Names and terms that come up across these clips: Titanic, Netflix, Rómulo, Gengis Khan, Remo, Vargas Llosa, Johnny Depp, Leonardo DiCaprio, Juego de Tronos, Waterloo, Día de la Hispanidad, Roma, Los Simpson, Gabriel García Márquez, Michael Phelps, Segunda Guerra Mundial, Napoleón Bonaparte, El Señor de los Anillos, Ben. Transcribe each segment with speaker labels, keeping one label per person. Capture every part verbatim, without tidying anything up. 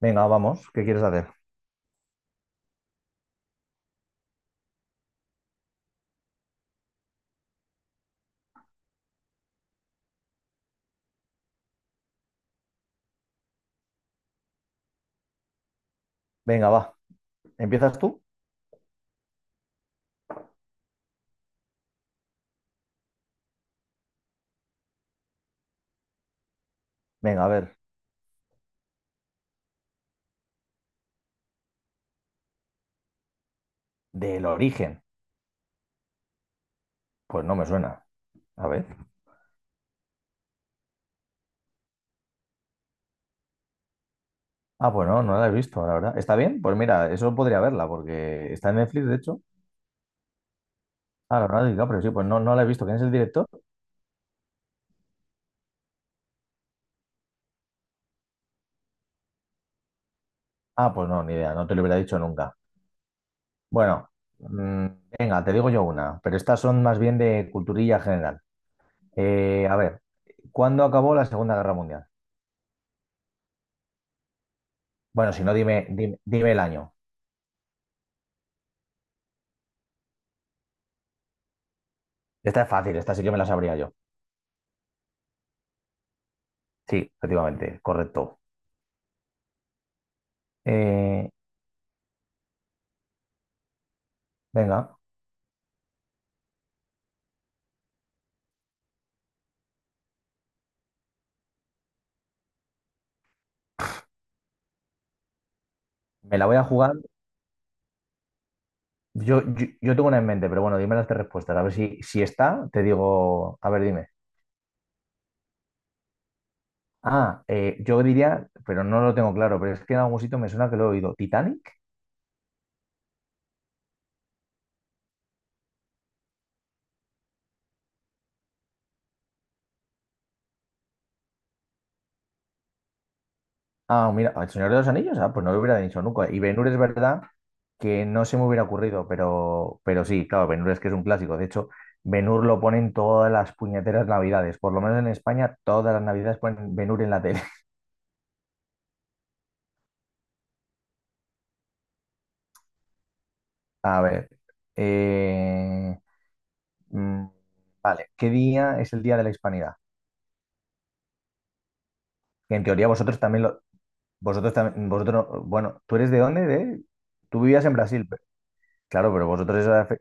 Speaker 1: Venga, vamos, ¿qué quieres hacer? Venga, va. ¿Empiezas tú? Venga, a ver. Del origen. Pues no me suena. A ver. Ah, pues no, no la he visto, la verdad. ¿Está bien? Pues mira, eso podría verla, porque está en Netflix, de hecho. Ah, Leonardo DiCaprio, sí, pues no, no la he visto. ¿Quién es el director? Ah, pues no, ni idea, no te lo hubiera dicho nunca. Bueno, mm, venga, te digo yo una, pero estas son más bien de culturilla general. Eh, a ver, ¿cuándo acabó la Segunda Guerra Mundial? Bueno, si no, dime, dime, dime el año. Esta es fácil, esta sí que me la sabría yo. Sí, efectivamente, correcto. Eh, Venga, me la voy a jugar. Yo, yo, yo tengo una en mente, pero bueno, dime las tres respuestas. A ver si, si está, te digo. A ver, dime. Ah, eh, yo diría, pero no lo tengo claro, pero es que en algún sitio me suena que lo he oído. ¿Titanic? Ah, mira, El Señor de los Anillos, ah, pues no lo hubiera dicho nunca. Y Ben es verdad que no se me hubiera ocurrido, pero, pero sí, claro, Ben es que es un clásico. De hecho, Ben lo ponen todas las puñeteras navidades. Por lo menos en España, todas las navidades ponen Ben en la tele. A ver. eh, Mm, vale, ¿qué día es el Día de la Hispanidad? Que en teoría vosotros también lo... Vosotros también... Vosotros... no- Bueno, ¿tú eres de dónde? De... Tú vivías en Brasil. pe- Claro, pero vosotros esa... fe-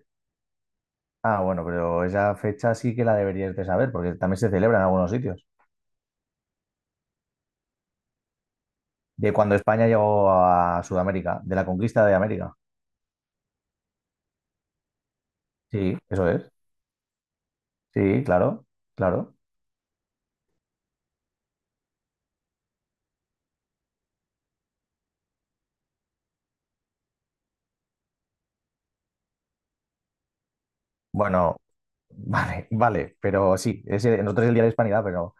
Speaker 1: Ah, bueno, pero esa fecha sí que la deberíais de saber, porque también se celebra en algunos sitios. De cuando España llegó a Sudamérica, de la conquista de América. Sí, eso es. Sí, claro, claro. Bueno, vale, vale, pero sí, ese, el- nosotros es el Día de la Hispanidad, pero...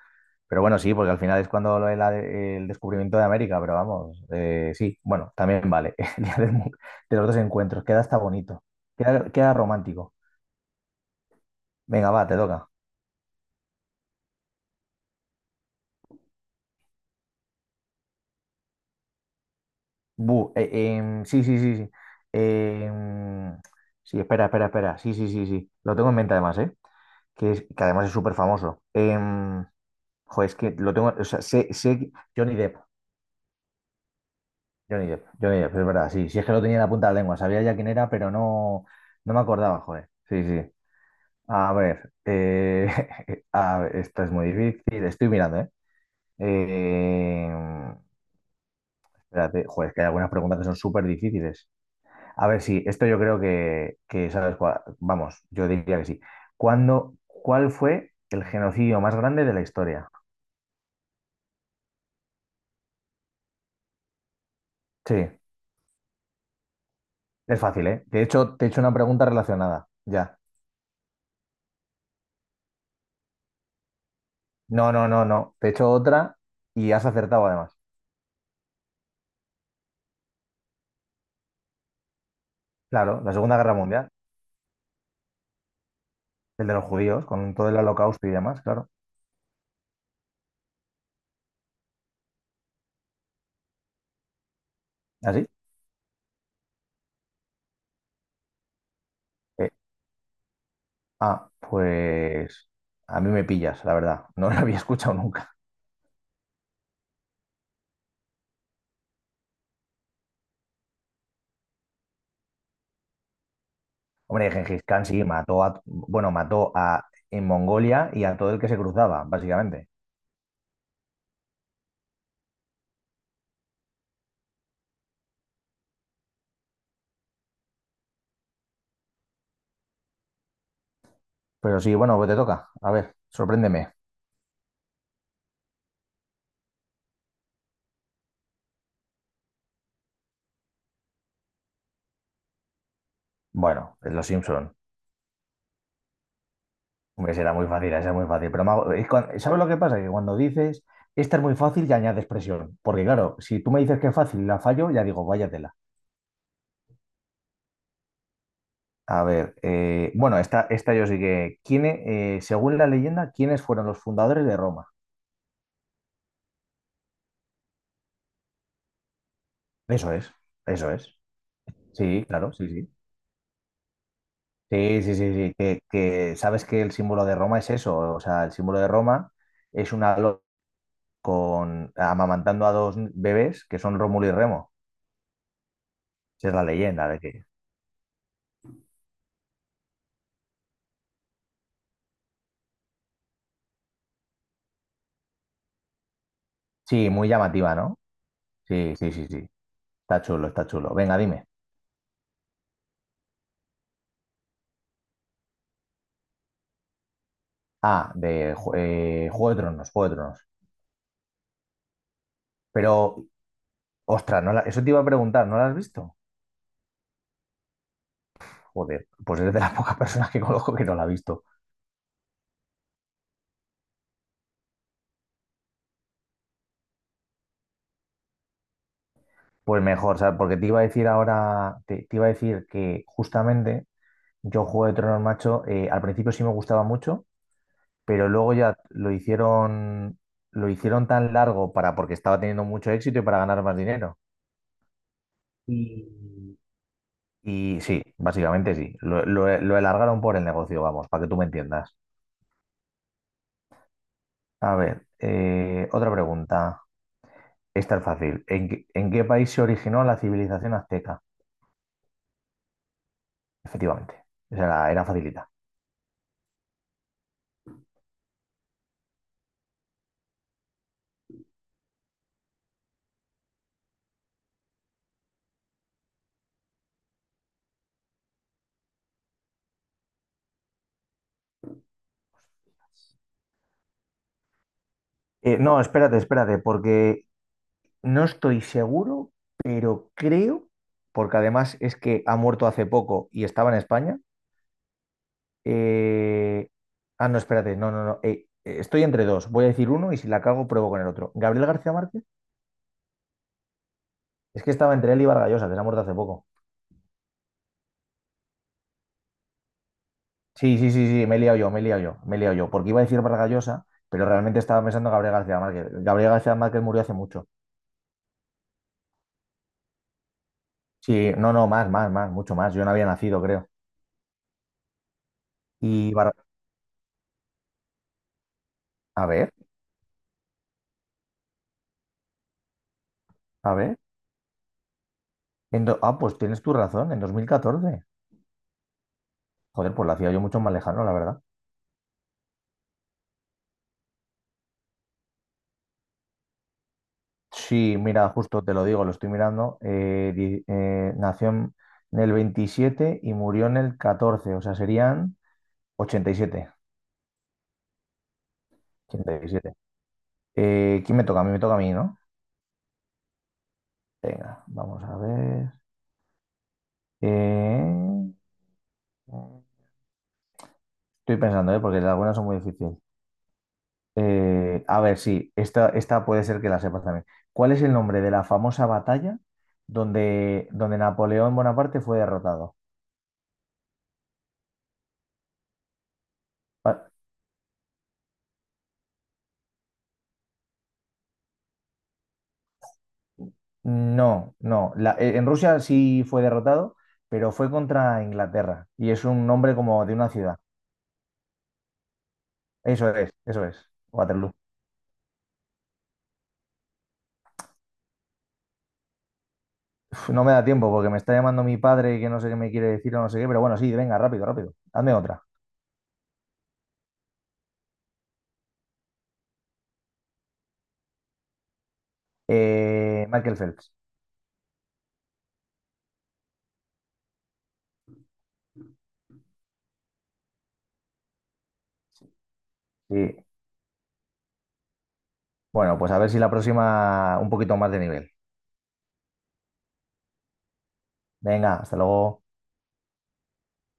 Speaker 1: Pero bueno, sí, porque al final es cuando lo de la de- el descubrimiento de América, pero vamos, eh, sí, bueno, también vale. El día del mu- De los dos encuentros, queda hasta bonito, queda, queda romántico. Venga, va, te toca. Bu, eh, em, sí, sí, sí, sí. Em, sí, espera, espera, espera. Sí, sí, sí, sí. Lo tengo en mente además, ¿eh? Que, es- que además es súper famoso. Em, jo, es que lo tengo, o sea, sé, sé que- Johnny Depp, Johnny Depp, Johnny Depp, es verdad, sí, sí es que lo tenía en la punta de la lengua, sabía ya quién era, pero no, no me acordaba, joder. Sí, sí. A ver, eh, a ver, esta es muy difícil. Estoy mirando, ¿eh? Eh, Espérate, joder, es que hay algunas preguntas que son súper difíciles. A ver, sí, esto yo creo que, que sabes cuál- vamos, yo diría que sí. ¿Cuándo, cuál fue el genocidio más grande de la historia? Sí, es fácil, ¿eh? De hecho, te he hecho una pregunta relacionada. Ya. No, no, no, no. Te he hecho otra y has acertado además. Claro, la Segunda Guerra Mundial, el de los judíos, con todo el holocausto y demás, claro. ¿Así? Ah, pues a mí me pillas, la verdad. No lo había escuchado nunca. Hombre, Gengis Khan sí mató a, bueno, mató a en Mongolia y a todo el que se cruzaba, básicamente. Pero sí, bueno, pues te toca. A ver, sorpréndeme. Bueno, es Los Simpson. Hombre, será muy fácil, esa es muy fácil. Pero me hago- es cuan- ¿sabes lo que pasa? Que cuando dices, esta es muy fácil, ya añades presión. Porque claro, si tú me dices que es fácil y la fallo, ya digo, váyatela. A ver, eh, bueno, esta, esta yo sí que. ¿Quién, eh, según la leyenda, ¿quiénes fueron los fundadores de Roma? Eso es, eso es. Sí, claro, sí, sí. Sí, sí, sí, sí. Que, que sabes que el símbolo de Roma es eso. O sea, el símbolo de Roma es una loca con amamantando a dos bebés que son Rómulo y Remo. Esa es la leyenda de que. Sí, muy llamativa, ¿no? Sí, sí, sí, sí. Está chulo, está chulo. Venga, dime. Ah, de Ju- eh, Juego de Tronos, Juego de Tronos. Pero, ostras, no la- eso te iba a preguntar, ¿no la has visto? Joder, pues eres de las pocas personas que conozco que no la ha visto. Pues mejor, ¿sabes? Porque te iba a decir ahora, te, te iba a decir que justamente yo Juego de Tronos, macho, eh, al principio sí me gustaba mucho, pero luego ya lo hicieron, lo hicieron tan largo para, porque estaba teniendo mucho éxito y para ganar más dinero. Y Y sí, básicamente sí, lo, lo- lo alargaron por el negocio, vamos, para que tú me entiendas. A ver, eh, otra pregunta, esta es fácil. ¿En, qué en qué país se originó la civilización azteca? Efectivamente, esa era, era facilita. Eh, no, espérate, espérate, porque no estoy seguro, pero creo, porque además es que ha muerto hace poco y estaba en España. eh, Ah, no, espérate, no, no, no. Eh, eh, estoy entre dos. Voy a decir uno y si la cago, pruebo con el otro. Gabriel García Márquez, es que estaba entre él y Vargas Llosa, que se ha muerto hace poco. Sí, sí, sí, sí, me he liado yo, me he liado yo, me he liado yo, porque iba a decir Vargallosa, pero realmente estaba pensando en Gabriel García Márquez. Gabriel García Márquez murió hace mucho. Sí, no, no, más, más, más, mucho más. Yo no había nacido, creo. Y Bar- a ver, a ver. En do- Ah, pues tienes tu razón, en dos mil catorce. Joder, pues lo hacía yo mucho más lejano, la verdad. Sí, mira, justo te lo digo, lo estoy mirando. Eh, di- eh, nació en el veintisiete y murió en el catorce, o sea, serían ochenta y siete. ochenta y siete. Eh, ¿quién me toca? A mí me toca a mí, ¿no? Venga, vamos a ver. Eh, Estoy pensando, ¿eh? Porque algunas son muy difíciles. Eh, a ver, sí, esta, esta puede ser que la sepas también. ¿Cuál es el nombre de la famosa batalla donde, donde Napoleón Bonaparte fue derrotado? Pa- No, no. La- eh, en Rusia sí fue derrotado, pero fue contra Inglaterra y es un nombre como de una ciudad. Eso es, eso es. Waterloo. Uf, no me da tiempo porque me está llamando mi padre que no sé qué me quiere decir o no sé qué, pero bueno, sí, venga, rápido, rápido. Hazme otra. Eh, Michael Phelps. Sí. Bueno, pues a ver si la próxima un poquito más de nivel. Venga, hasta luego.